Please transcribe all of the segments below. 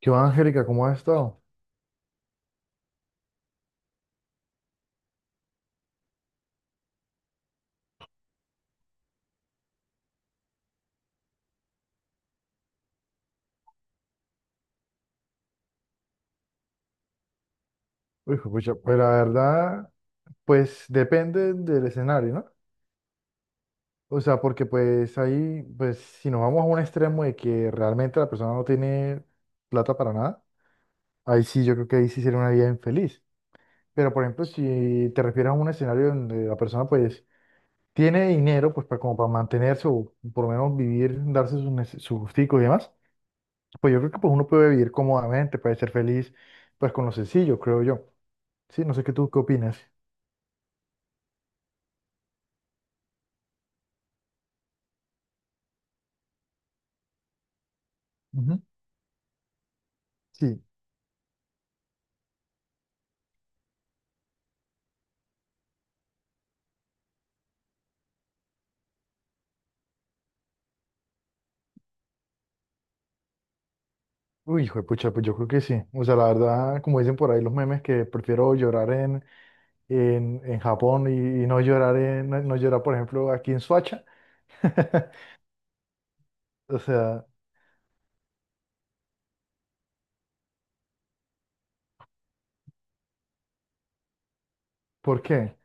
¿Qué va, Angélica? ¿Cómo has estado? Uy, juepucha, pues la verdad, pues depende del escenario, ¿no? O sea, porque pues ahí, pues si nos vamos a un extremo de que realmente la persona no tiene plata para nada, ahí sí yo creo que ahí sí sería una vida infeliz. Pero por ejemplo, si te refieres a un escenario donde la persona pues tiene dinero, pues para, como para mantenerse o por lo menos vivir, darse sus, sus gusticos y demás, pues yo creo que pues uno puede vivir cómodamente, puede ser feliz, pues con lo sencillo, creo yo. Sí, no sé qué tú qué opinas. Ujú. Sí. Uy, hijo de pucha, pues yo creo que sí. O sea, la verdad, como dicen por ahí los memes, que prefiero en Japón y no no llorar, por ejemplo, aquí en Soacha. O sea, ¿por qué?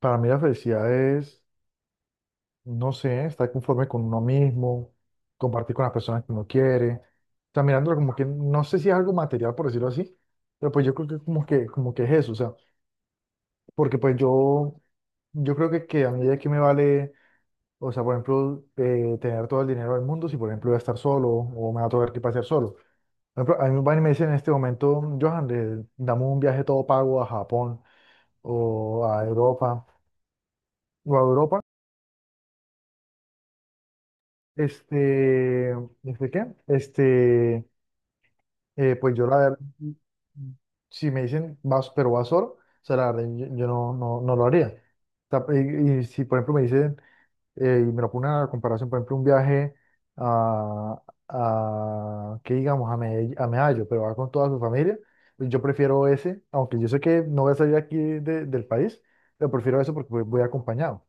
Para mí la felicidad es, no sé, estar conforme con uno mismo, compartir con las personas que uno quiere. O sea, mirándolo como que, no sé si es algo material, por decirlo así, pero pues yo creo que como que, como que es eso. O sea, porque pues yo creo que a medida que me vale. O sea, por ejemplo, tener todo el dinero del mundo, si por ejemplo voy a estar solo o me va a tocar que pasear solo. Por ejemplo, a mí me van y me dicen en este momento, Johan, dame un viaje todo pago a Japón o a Europa. Este, ¿este qué? Este, pues yo la verdad, si me dicen vas, pero vas solo, o sea, la verdad, yo no, no lo haría. O sea, y si por ejemplo me dice y me lo pone a comparación, por ejemplo, un viaje a, a que digamos, a, a Medallo, pero va con toda su familia, pues yo prefiero ese, aunque yo sé que no voy a salir aquí del país, pero prefiero eso porque voy acompañado.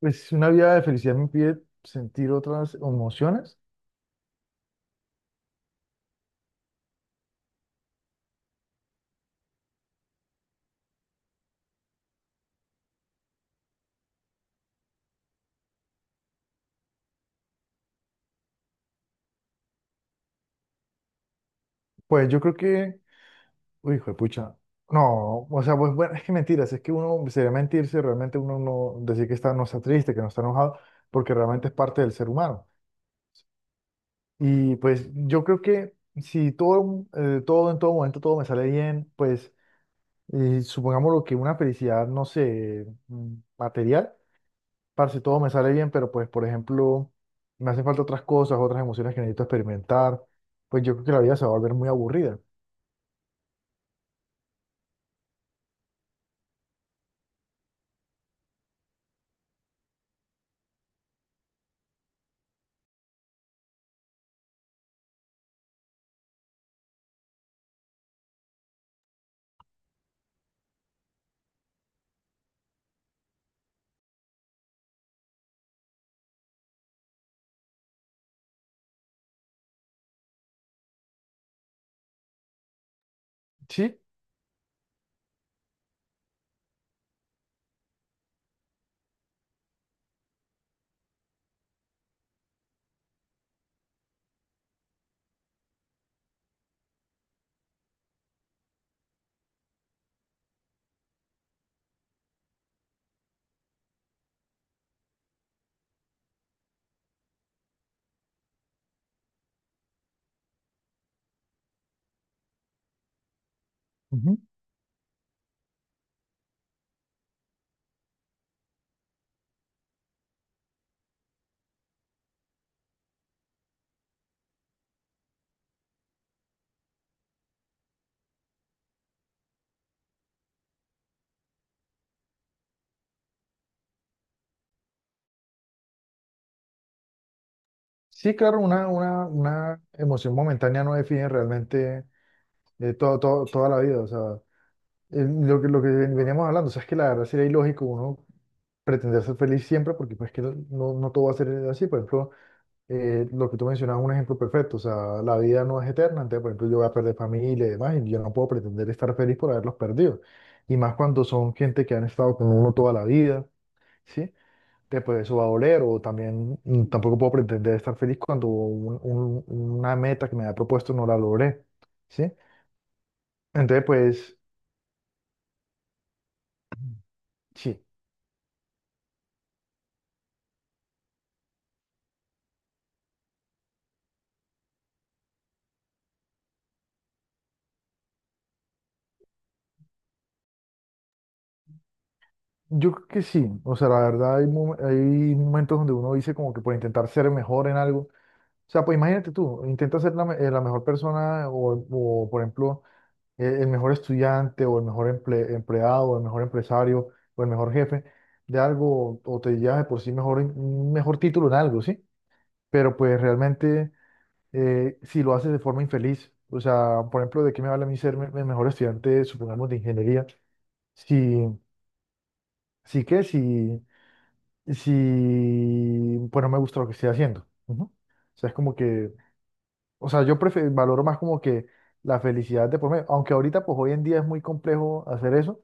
Pues si una vida de felicidad me impide sentir otras emociones, pues yo creo que, uy, hijo de pucha, no, o sea, pues bueno, es que mentiras, es que uno sería mentirse, realmente uno no decir que está, no está triste, que no está enojado, porque realmente es parte del ser humano. Y pues yo creo que si todo, todo en todo momento, todo me sale bien, pues supongamos lo que una felicidad, no sé, material, para si todo me sale bien, pero pues por ejemplo, me hacen falta otras cosas, otras emociones que necesito experimentar, pues yo creo que la vida se va a volver muy aburrida. Sí, ujú. Sí, claro, una emoción momentánea no define realmente toda la vida, o sea, lo que veníamos hablando, o sea, es que la verdad sería ilógico uno pretender ser feliz siempre, porque pues que no, no todo va a ser así. Por ejemplo, lo que tú mencionabas es un ejemplo perfecto. O sea, la vida no es eterna. Entonces, por ejemplo, yo voy a perder familia y demás, y yo no puedo pretender estar feliz por haberlos perdido. Y más cuando son gente que han estado con uno toda la vida, ¿sí? Entonces, pues eso va a doler. O también tampoco puedo pretender estar feliz cuando una meta que me había propuesto no la logré, ¿sí? Entonces, pues... Sí. Yo creo que sí, o sea, la verdad hay, hay momentos donde uno dice como que por intentar ser mejor en algo, o sea, pues imagínate tú, intenta ser la mejor persona o, por ejemplo el mejor estudiante o el mejor empleado o el mejor empresario o el mejor jefe de algo o te llevas de por sí mejor, un mejor título en algo, ¿sí? Pero pues realmente si lo haces de forma infeliz, o sea, por ejemplo, ¿de qué me vale a mí ser el mejor estudiante, supongamos, de ingeniería? Si, sí que si pues no me gusta lo que estoy haciendo. Ujú. O sea, es como que, o sea, yo valoro más como que la felicidad de por medio, aunque ahorita pues hoy en día es muy complejo hacer eso,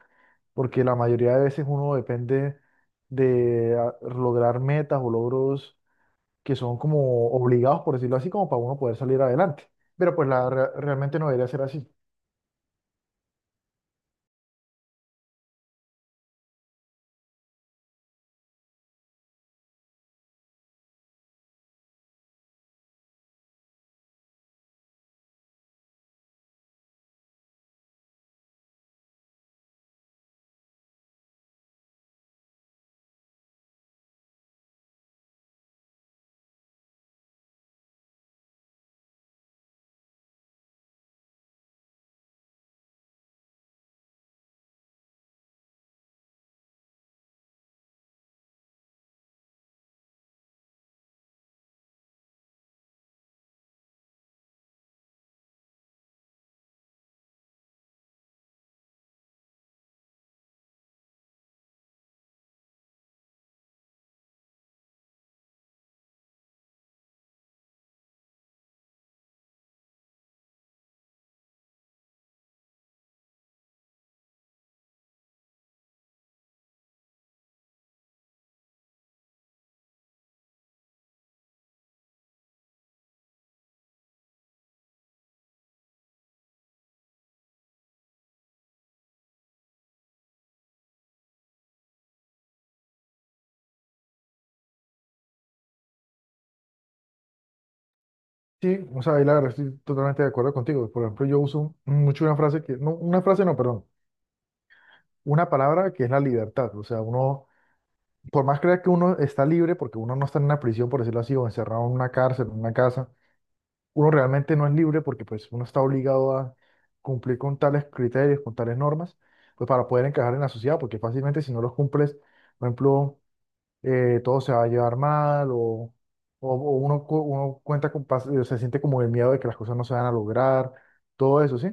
porque la mayoría de veces uno depende de lograr metas o logros que son como obligados, por decirlo así, como para uno poder salir adelante. Pero pues la, realmente no debería ser así. Sí, o sea, ahí la verdad estoy totalmente de acuerdo contigo. Por ejemplo, yo uso mucho una frase que, no, una frase no, perdón, una palabra que es la libertad. O sea, uno por más creer que uno está libre, porque uno no está en una prisión, por decirlo así, o encerrado en una cárcel, en una casa, uno realmente no es libre porque pues uno está obligado a cumplir con tales criterios, con tales normas, pues para poder encajar en la sociedad, porque fácilmente si no los cumples, por ejemplo, todo se va a llevar mal o uno, uno cuenta con, se siente como el miedo de que las cosas no se van a lograr, todo eso, ¿sí?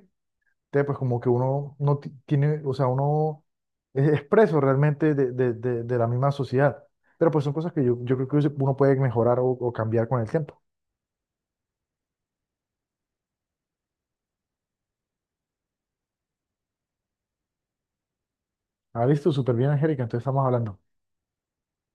Entonces, pues como que uno no tiene, o sea, uno es preso realmente de, de la misma sociedad. Pero pues son cosas que yo creo que uno puede mejorar o cambiar con el tiempo. Ah, listo, súper bien, Angélica, entonces estamos hablando.